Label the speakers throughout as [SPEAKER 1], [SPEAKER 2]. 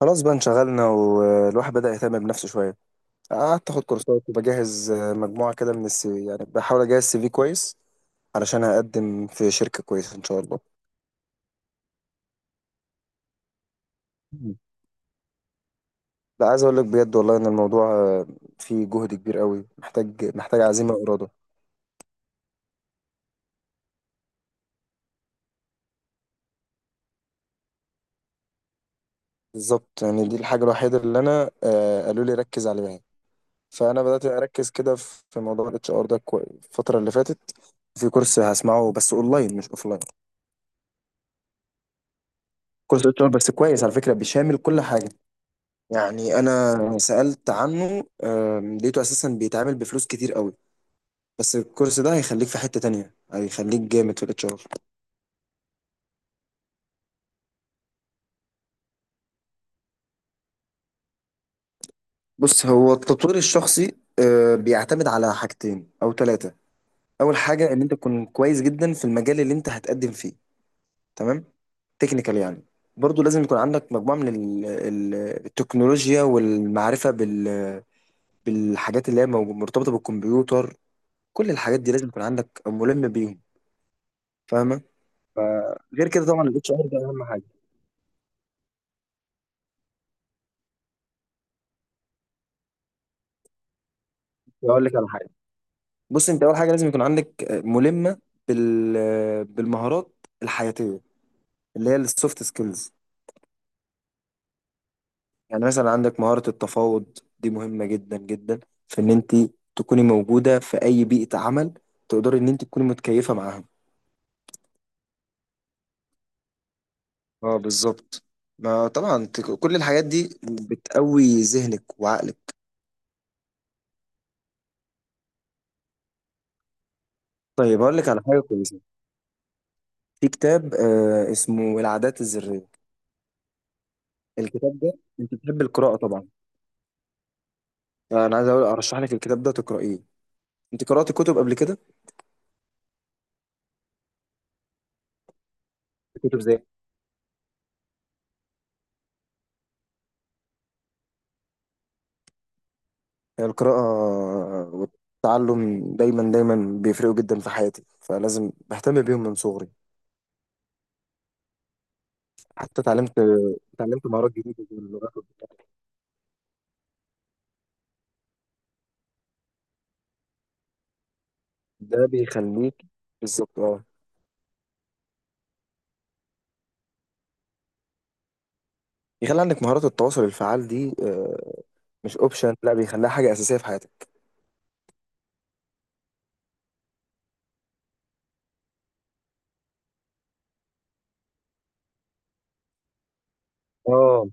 [SPEAKER 1] خلاص بقى انشغلنا، والواحد بدأ يهتم بنفسه شوية. قعدت اخد كورسات وبجهز، مجموعة كده من السي، يعني بحاول اجهز سي في كويس علشان هقدم في شركة كويسة ان شاء الله. مم. لا، عايز اقول لك بجد والله ان الموضوع فيه جهد كبير قوي، محتاج محتاج عزيمة وإرادة. بالظبط، يعني دي الحاجة الوحيدة اللي انا قالوا لي ركز عليها، فانا بدأت اركز كده في موضوع الاتش ار ده الفترة اللي فاتت في كورس هسمعه، بس اونلاين مش اوفلاين. كورس اتش ار بس كويس على فكرة، بيشامل كل حاجة. يعني انا سألت عنه، لقيته اساسا بيتعامل بفلوس كتير قوي. بس الكورس ده هيخليك في حتة تانية، هيخليك جامد في الاتش ار. بص، هو التطوير الشخصي بيعتمد على حاجتين او ثلاثة. اول حاجة ان انت تكون كويس جدا في المجال اللي انت هتقدم فيه، تمام؟ تكنيكال يعني. برضو لازم يكون عندك مجموعة من التكنولوجيا، والمعرفة بالحاجات اللي هي مرتبطة بالكمبيوتر. كل الحاجات دي لازم يكون عندك ملم بيهم، فاهمة؟ فغير كده طبعا الاتش ار ده اهم حاجه. اقول لك على حاجه. بص، انت اول حاجه لازم يكون عندك ملمه بالمهارات الحياتيه، اللي هي السوفت سكيلز. يعني مثلا عندك مهاره التفاوض، دي مهمه جدا جدا في ان انت تكوني موجوده في اي بيئه عمل، تقدري ان انت تكوني متكيفه معاها. اه، بالظبط. ما طبعا، كل الحاجات دي بتقوي ذهنك وعقلك. طيب، هقول لك على حاجه كويسه. في كتاب اسمه العادات الذريه. الكتاب ده، انت بتحب القراءه طبعا. انا عايز اقول، ارشح لك الكتاب ده تقرأيه. انت قرأت كتب قبل كده، كتب زي. هي القراءة والتعلم دايما دايما بيفرقوا جدا في حياتي، فلازم بهتم بيهم من صغري. حتى اتعلمت مهارات جديدة زي اللغات وبتاع. ده بيخليك بالظبط، اه، يخلي عندك مهارات التواصل الفعال دي. مش اوبشن، لا، بيخليها حاجة أساسية في حياتك. اه،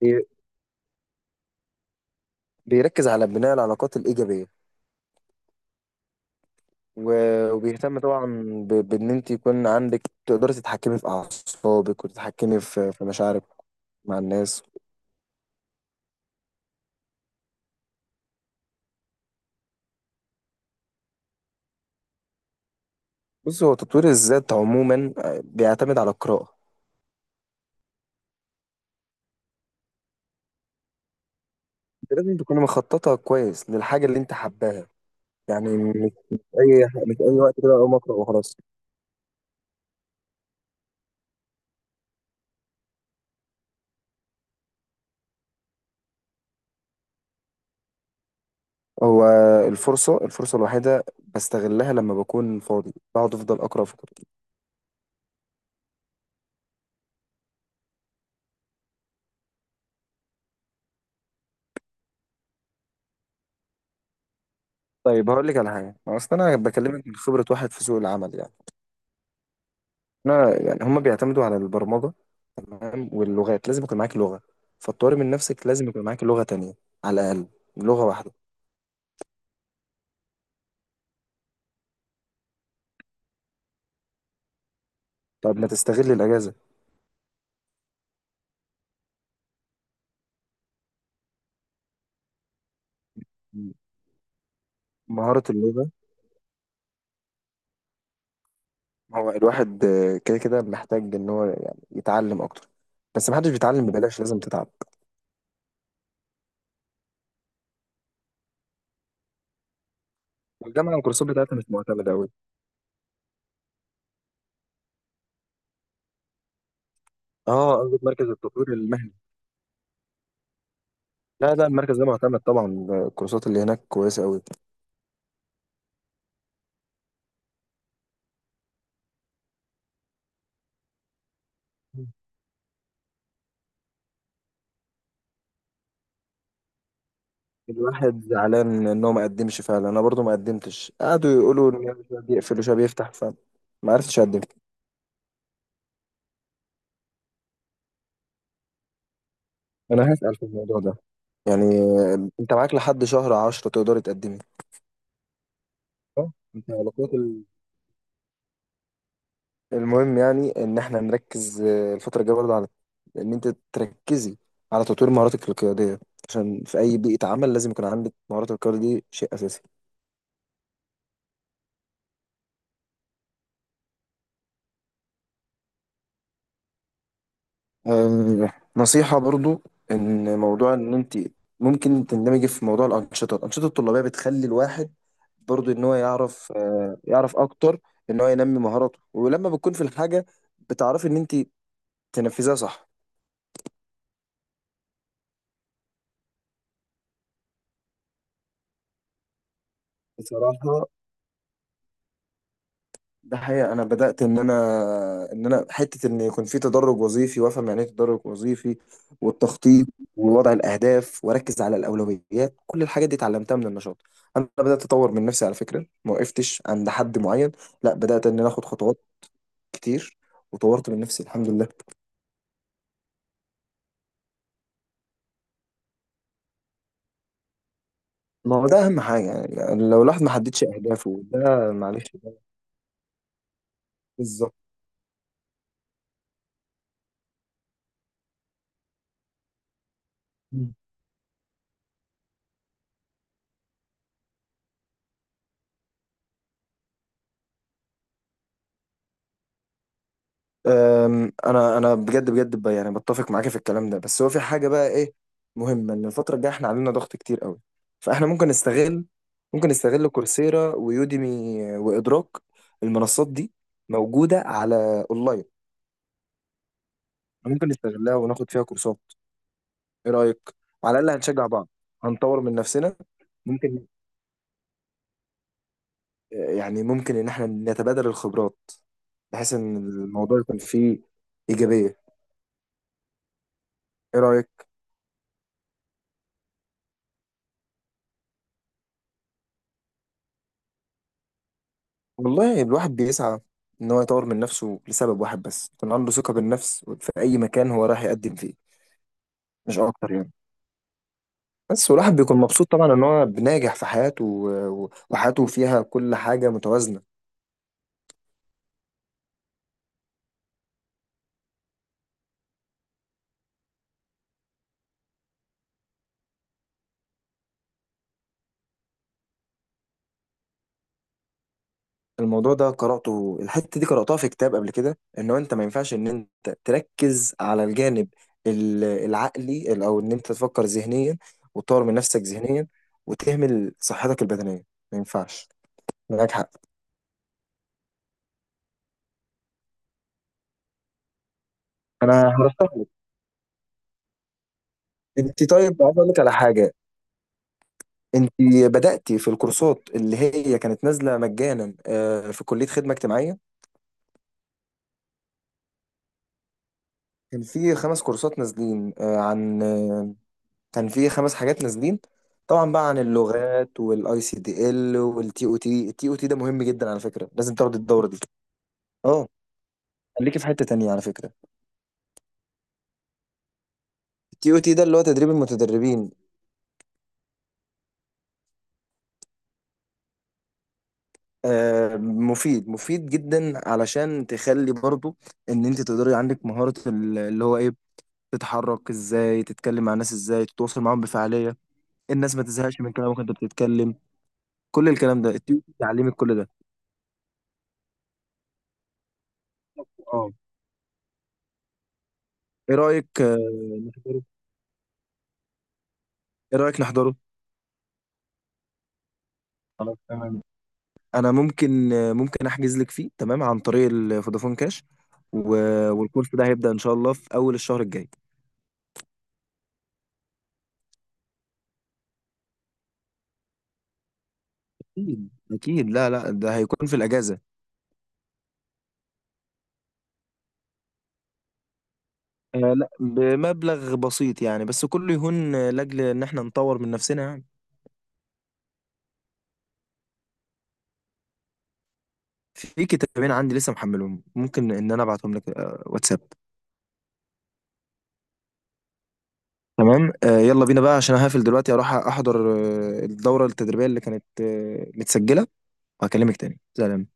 [SPEAKER 1] بي- بيركز على بناء العلاقات الإيجابية، وبيهتم طبعا بان انت يكون عندك، تقدري تتحكمي في اعصابك وتتحكمي في مشاعرك مع الناس. بص، هو تطوير الذات عموما بيعتمد على القراءة. انت لازم تكوني مخططة كويس للحاجة اللي انت حباها. يعني مش، مش اي وقت كده اقوم اقرا وخلاص. هو الفرصة الوحيدة بستغلها لما بكون فاضي، بقعد افضل اقرا في كتب. طيب هقول لك على حاجة. اصل انا بكلمك من خبرة واحد في سوق العمل يعني. احنا يعني هم بيعتمدوا على البرمجة، تمام؟ واللغات لازم يكون معاك لغة. فالطوارئ من نفسك، لازم يكون معاك لغة تانية، على الأقل لغة واحدة. طب ما تستغل الأجازة؟ مهارة اللغة. هو الواحد كده كده محتاج إن هو يعني يتعلم أكتر، بس محدش بيتعلم ببلاش، لازم تتعب. والجامعة الكورسات بتاعتها مش معتمدة أوي. اه، قصدك مركز التطوير المهني؟ لا، لا، المركز ده معتمد طبعا. الكورسات اللي هناك كويسة أوي. الواحد زعلان ان هو ما قدمش فعلا، انا برضو ما قدمتش، قعدوا يقولوا ان هو شويه بيقفل وشويه بيفتح، فما عرفتش اقدم. انا هسأل في الموضوع ده. يعني انت معاك لحد شهر عشرة، تقدر تقدمي. اه، انت علاقات المهم، يعني ان احنا نركز الفتره الجايه برضه على ان انت تركزي على تطوير مهاراتك القياديه، عشان في اي بيئه عمل لازم يكون عندك مهارات القياده، دي شيء اساسي. آه، نصيحة برضو، إن موضوع إن أنت ممكن تندمجي في موضوع الأنشطة الطلابية. بتخلي الواحد برضو إن هو يعرف، يعرف أكتر، إن هو ينمي مهاراته، ولما بتكون في الحاجة بتعرفي إن أنت تنفذيها صح. بصراحة ده حقيقة. أنا بدأت إن أنا، حتة إن يكون في تدرج وظيفي، وأفهم يعني إيه تدرج وظيفي، والتخطيط ووضع الأهداف، وأركز على الأولويات. كل الحاجات دي اتعلمتها من النشاط. أنا بدأت أطور من نفسي على فكرة، ما وقفتش عند حد معين، لا بدأت إن أنا آخد خطوات كتير، وطورت من نفسي الحمد لله. ما هو ده أهم حاجة، يعني يعني لو الواحد ما حددش أهدافه ده معلش ده، بالظبط. انا بجد بجد، يعني بتفق معاك في الكلام ده. بس هو في حاجه بقى، ايه؟ مهمه، ان الفتره الجايه احنا علينا ضغط كتير قوي، فاحنا ممكن نستغل، كورسيرا ويوديمي وادراك. المنصات دي موجوده على اونلاين. ممكن نستغلها وناخد فيها كورسات، ايه رايك؟ على الاقل هنشجع بعض، هنطور من نفسنا. ممكن، يعني ممكن ان احنا نتبادل الخبرات، بحيث ان الموضوع يكون فيه ايجابيه. ايه رايك؟ والله الواحد بيسعى ان هو يطور من نفسه لسبب واحد بس، يكون عنده ثقة بالنفس في اي مكان هو راح يقدم فيه، مش اكتر يعني. بس والواحد بيكون مبسوط طبعا ان هو بناجح في حياته وحياته فيها كل حاجة متوازنة. الموضوع ده قرأته، الحتة دي قرأتها في كتاب قبل كده، ان هو انت ما ينفعش ان انت تركز على الجانب العقلي، او ان انت تفكر ذهنيا وتطور من نفسك ذهنيا وتهمل صحتك البدنية، ما ينفعش. معاك حق. انا هرشح لك. انت، طيب عايز اقول لك على حاجة. انت بدأتي في الكورسات اللي هي كانت نازلة مجانا، في كلية خدمة اجتماعية. كان في خمس كورسات نازلين، آه، عن آه، كان في خمس حاجات نازلين، طبعا بقى عن اللغات والاي سي دي ال والتي او تي. التي او تي ده مهم جدا على فكرة، لازم تاخد الدورة دي. اه، خليكي في حتة تانية على فكرة. التي او تي ده اللي هو تدريب المتدربين. مفيد مفيد جدا، علشان تخلي برضو ان انت تقدري عندك مهارة اللي هو ايه، تتحرك ازاي، تتكلم مع الناس ازاي، تتواصل معاهم بفعالية. الناس ما تزهقش من كلامك انت بتتكلم. كل الكلام ده التيوب تعلمك كل ده. اه. ايه رأيك آه، نحضره ايه رأيك نحضره؟ خلاص تمام. انا ممكن احجز لك فيه، تمام؟ عن طريق الفودافون كاش. و... والكورس ده هيبدأ ان شاء الله في اول الشهر الجاي. اكيد، اكيد. لا، لا، ده هيكون في الاجازة. آه لا، بمبلغ بسيط يعني، بس كله يهون لاجل ان احنا نطور من نفسنا يعني. في كتابين عندي لسه محملهم، ممكن ان انا ابعتهم لك واتساب. تمام، يلا بينا بقى، عشان هقفل دلوقتي اروح احضر الدورة التدريبية اللي كانت متسجلة، وهكلمك تاني، سلام.